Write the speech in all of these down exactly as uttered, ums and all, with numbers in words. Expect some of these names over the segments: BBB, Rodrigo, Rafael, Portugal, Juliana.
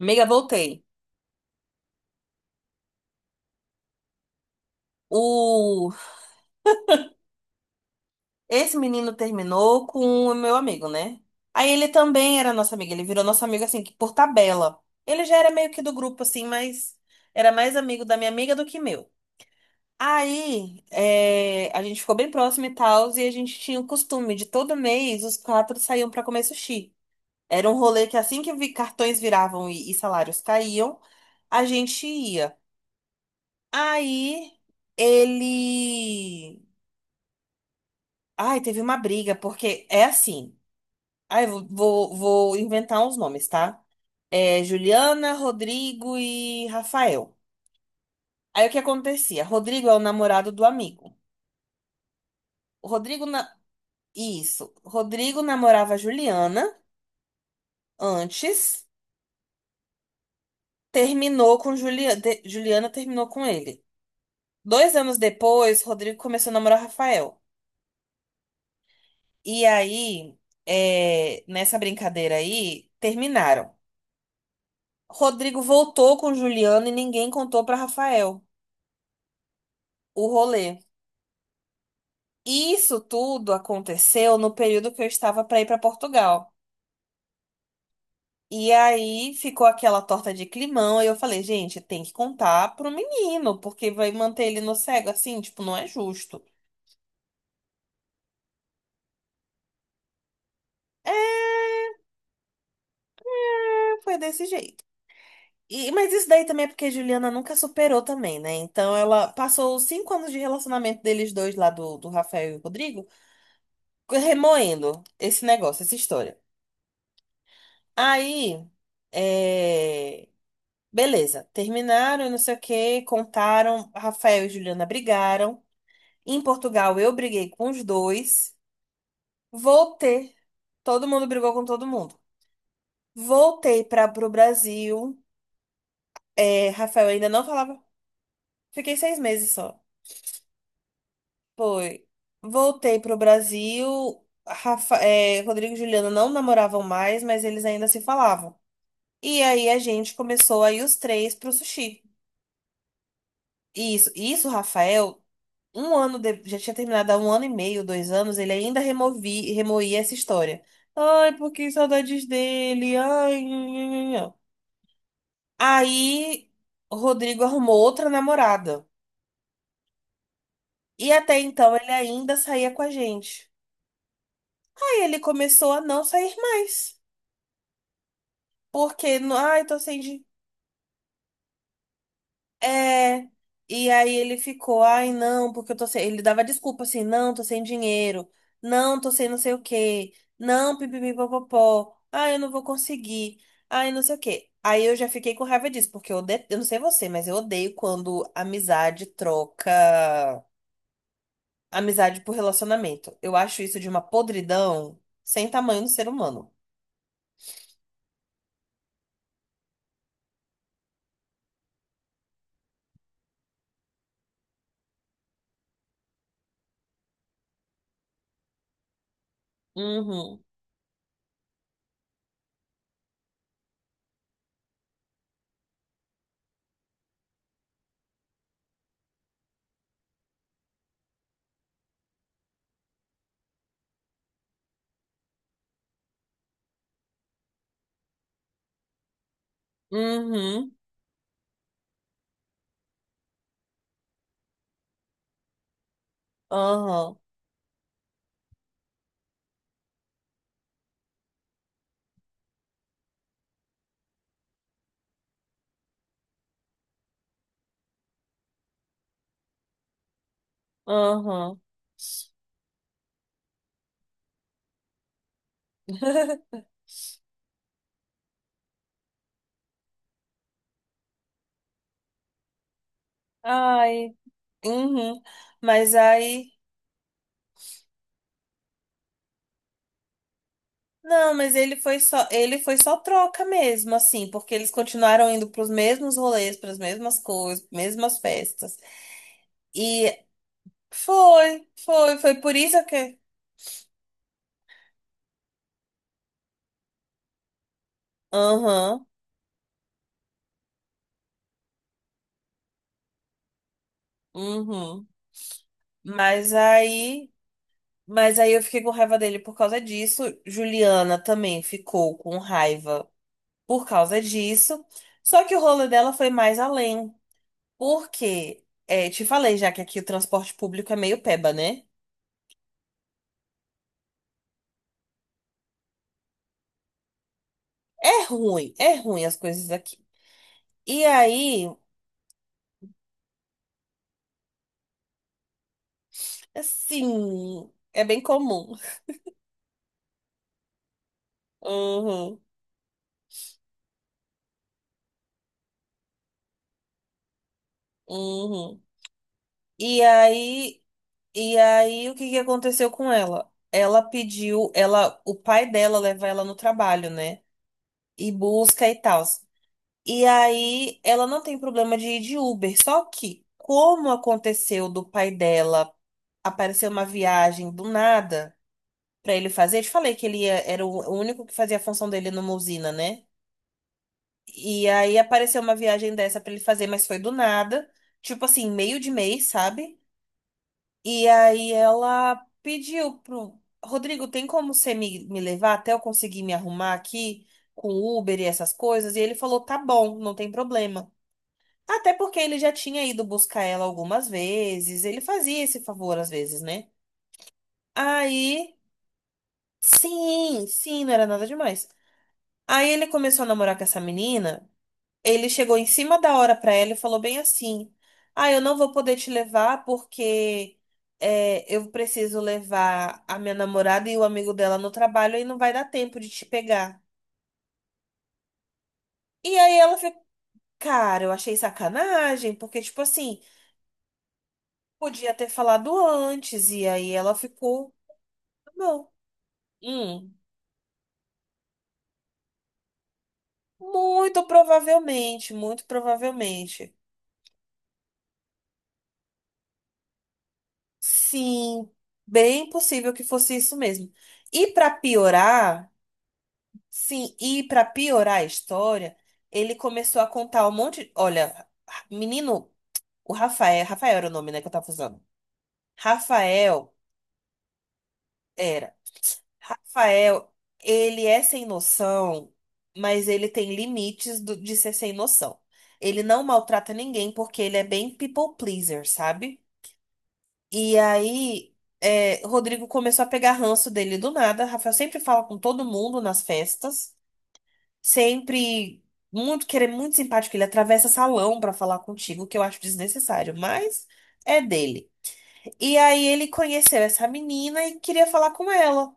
Amiga, voltei. O... Esse menino terminou com o meu amigo, né? Aí ele também era nosso amigo, ele virou nosso amigo assim, que por tabela. Ele já era meio que do grupo, assim, mas era mais amigo da minha amiga do que meu. Aí é, a gente ficou bem próximo e tal, e a gente tinha o costume de todo mês os quatro saíam pra comer sushi. Era um rolê que assim que vi- cartões viravam e e salários caíam, a gente ia. Aí ele. Ai, teve uma briga, porque é assim. Ai, vou, vou, vou inventar uns nomes, tá? É Juliana, Rodrigo e Rafael. Aí o que acontecia? Rodrigo é o namorado do amigo. O Rodrigo na... Isso. Rodrigo namorava a Juliana antes, terminou com Juliana. Juliana terminou com ele. Dois anos depois, Rodrigo começou a namorar Rafael. E aí, é, nessa brincadeira aí, terminaram. Rodrigo voltou com Juliana e ninguém contou para Rafael o rolê. Isso tudo aconteceu no período que eu estava para ir para Portugal. E aí ficou aquela torta de climão e eu falei, gente, tem que contar pro menino, porque vai manter ele no cego assim, tipo, não é justo. É, foi desse jeito. E, mas isso daí também é porque a Juliana nunca superou também, né? Então ela passou os cinco anos de relacionamento deles dois lá, do, do Rafael e o Rodrigo, remoendo esse negócio, essa história. Aí, é, beleza, terminaram, e não sei o que, contaram, Rafael e Juliana brigaram. Em Portugal, eu briguei com os dois. Voltei, todo mundo brigou com todo mundo. Voltei para pro Brasil, é, Rafael ainda não falava, fiquei seis meses só. Foi, voltei pro Brasil, Rafa, é, Rodrigo e Juliana não namoravam mais, mas eles ainda se falavam. E aí a gente começou a ir os três pro sushi. Isso, isso, Rafael, um ano de... já tinha terminado há um ano e meio, dois anos, ele ainda removi, remoía essa história. Ai, porque saudades dele. Ai, nhanhanhanhan. Aí, o Rodrigo arrumou outra namorada. E até então ele ainda saía com a gente. Aí ele começou a não sair mais. Porque, no- ai, tô sem. É, e aí ele ficou, ai não, porque eu tô sem. Ele dava desculpa assim, não, tô sem dinheiro, não, tô sem não sei o quê, não, pipipipopopó, ai eu não vou conseguir, ai não sei o quê. Aí eu já fiquei com raiva disso, porque eu, odeio, eu não sei você, mas eu odeio quando amizade troca amizade por relacionamento. Eu acho isso de uma podridão sem tamanho no ser humano. Uhum, uhum, aham, aham. Ai. Uhum. Mas aí, não, mas ele foi só, ele foi só troca mesmo, assim, porque eles continuaram indo pros mesmos rolês, pras mesmas coisas, mesmas festas. E foi, foi, foi por isso que. Aham, uhum. Mas aí, mas aí eu fiquei com raiva dele por causa disso. Juliana também ficou com raiva por causa disso. Só que o rolê dela foi mais além. Porque, é, te falei já que aqui o transporte público é meio peba, né? É ruim, é ruim as coisas aqui. E aí, assim, é bem comum. Uhum, uhum. E aí, e aí, o que que aconteceu com ela? Ela pediu, ela, o pai dela leva ela no trabalho, né? E busca e tal. E aí, ela não tem problema de ir de Uber. Só que, como aconteceu do pai dela, apareceu uma viagem do nada pra ele fazer. Eu te falei que ele ia- era o único que fazia a função dele numa usina, né? E aí apareceu uma viagem dessa pra ele fazer, mas foi do nada. Tipo assim, meio de mês, sabe? E aí ela pediu pro Rodrigo, tem como você me, me levar até eu conseguir me arrumar aqui com Uber e essas coisas? E ele falou, tá bom, não tem problema. Até porque ele já tinha ido buscar ela algumas vezes, ele fazia esse favor às vezes, né? Aí, sim, sim, não era nada demais. Aí ele começou a namorar com essa menina. Ele chegou em cima da hora pra ela e falou bem assim: Ah, eu não vou poder te levar porque é, eu preciso levar a minha namorada e o amigo dela no trabalho e não vai dar tempo de te pegar. E aí ela ficou, cara, eu achei sacanagem, porque, tipo assim, podia ter falado antes. E aí ela ficou, "Tá bom." Hum, muito provavelmente, muito provavelmente. Sim, bem possível que fosse isso mesmo. E pra piorar. Sim, e pra piorar a história, ele começou a contar um monte. Olha, menino, o Rafael, Rafael era o nome, né, que eu tava usando. Rafael era. Rafael, ele é sem noção, mas ele tem limites do- de ser sem noção. Ele não maltrata ninguém porque ele é bem people pleaser, sabe? E aí, é, Rodrigo começou a pegar ranço dele do nada. Rafael sempre fala com todo mundo nas festas. Sempre muito querer muito simpático, ele atravessa salão pra falar contigo, que eu acho desnecessário, mas é dele. E aí ele conheceu essa menina e queria falar com ela.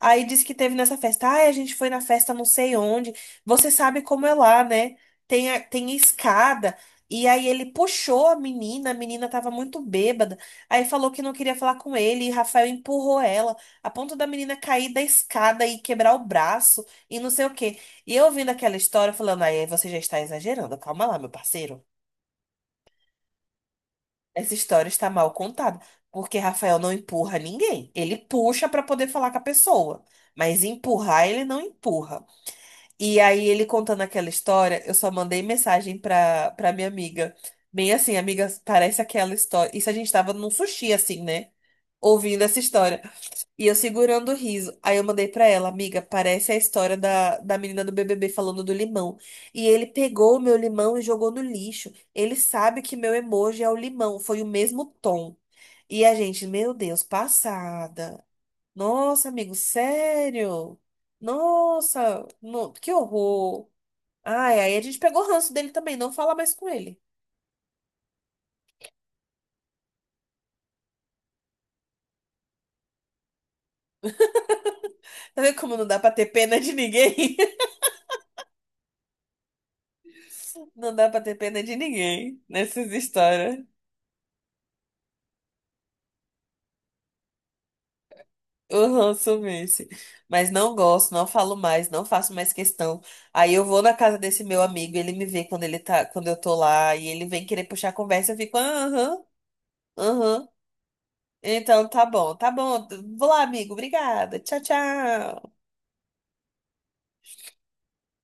Aí disse que teve nessa festa. Ah, a gente foi na festa não sei onde. Você sabe como é lá, né? Tem, a- tem escada. E aí ele puxou a menina, a menina tava muito bêbada. Aí falou que não queria falar com ele, e Rafael empurrou ela, a ponto da menina cair da escada e quebrar o braço e não sei o quê. E eu ouvindo aquela história, falando, aí você já está exagerando, calma lá, meu parceiro. Essa história está mal contada, porque Rafael não empurra ninguém. Ele puxa para poder falar com a pessoa, mas empurrar ele não empurra. E aí ele contando aquela história, eu só mandei mensagem para para minha amiga. Bem assim, amiga, parece aquela história. Isso a gente tava num sushi assim, né? Ouvindo essa história. E eu segurando o riso. Aí eu mandei pra ela, amiga, parece a história da, da menina do B B B falando do limão. E ele pegou o meu limão e jogou no lixo. Ele sabe que meu emoji é o limão, foi o mesmo tom. E a gente, meu Deus, passada. Nossa, amigo, sério? Nossa, no- que horror. Ai, aí a gente pegou ranço dele também, não fala mais com ele. Tá vendo como não dá pra ter pena de ninguém? Não dá pra ter pena de ninguém nessas histórias. Aham, sumisse. Mas não gosto, não falo mais, não faço mais questão. Aí eu vou na casa desse meu amigo, ele me vê quando ele tá, quando eu tô lá, e ele vem querer puxar a conversa, eu fico, aham, aham. Então tá bom, tá bom. Vou lá, amigo, obrigada. Tchau, tchau.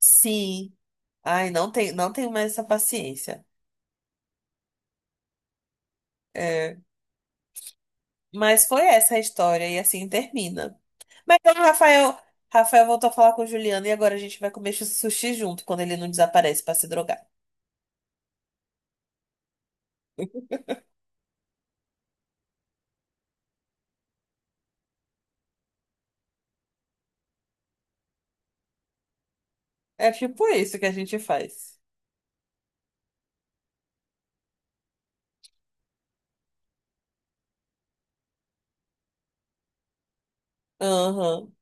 Sim. Ai, não tem, não tenho mais essa paciência. É. Mas foi essa a história, e assim termina. Mas então, Rafael, Rafael voltou a falar com o Juliano, e agora a gente vai comer sushi junto quando ele não desaparece pra se drogar. É tipo isso que a gente faz. Aham.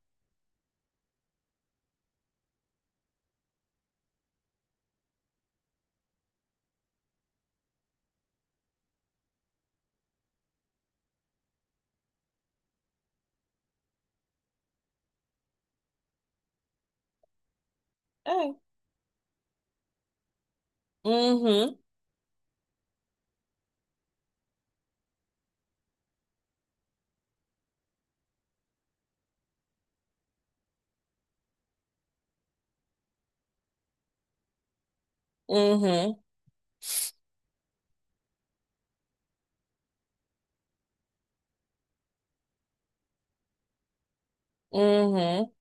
É. Uhum. Uhum. Uhum.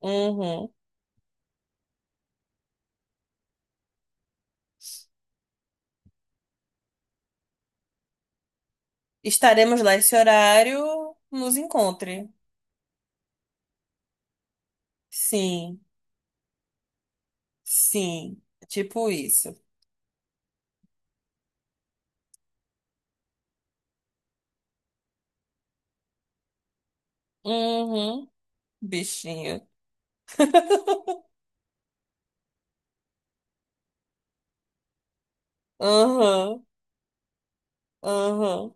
Uhum. Estaremos lá esse horário, nos encontre. Sim. Sim. Tipo isso. Uhum. Bichinho. Aham. Aham.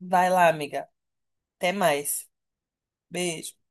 Vai lá, amiga. Até mais. Beijo.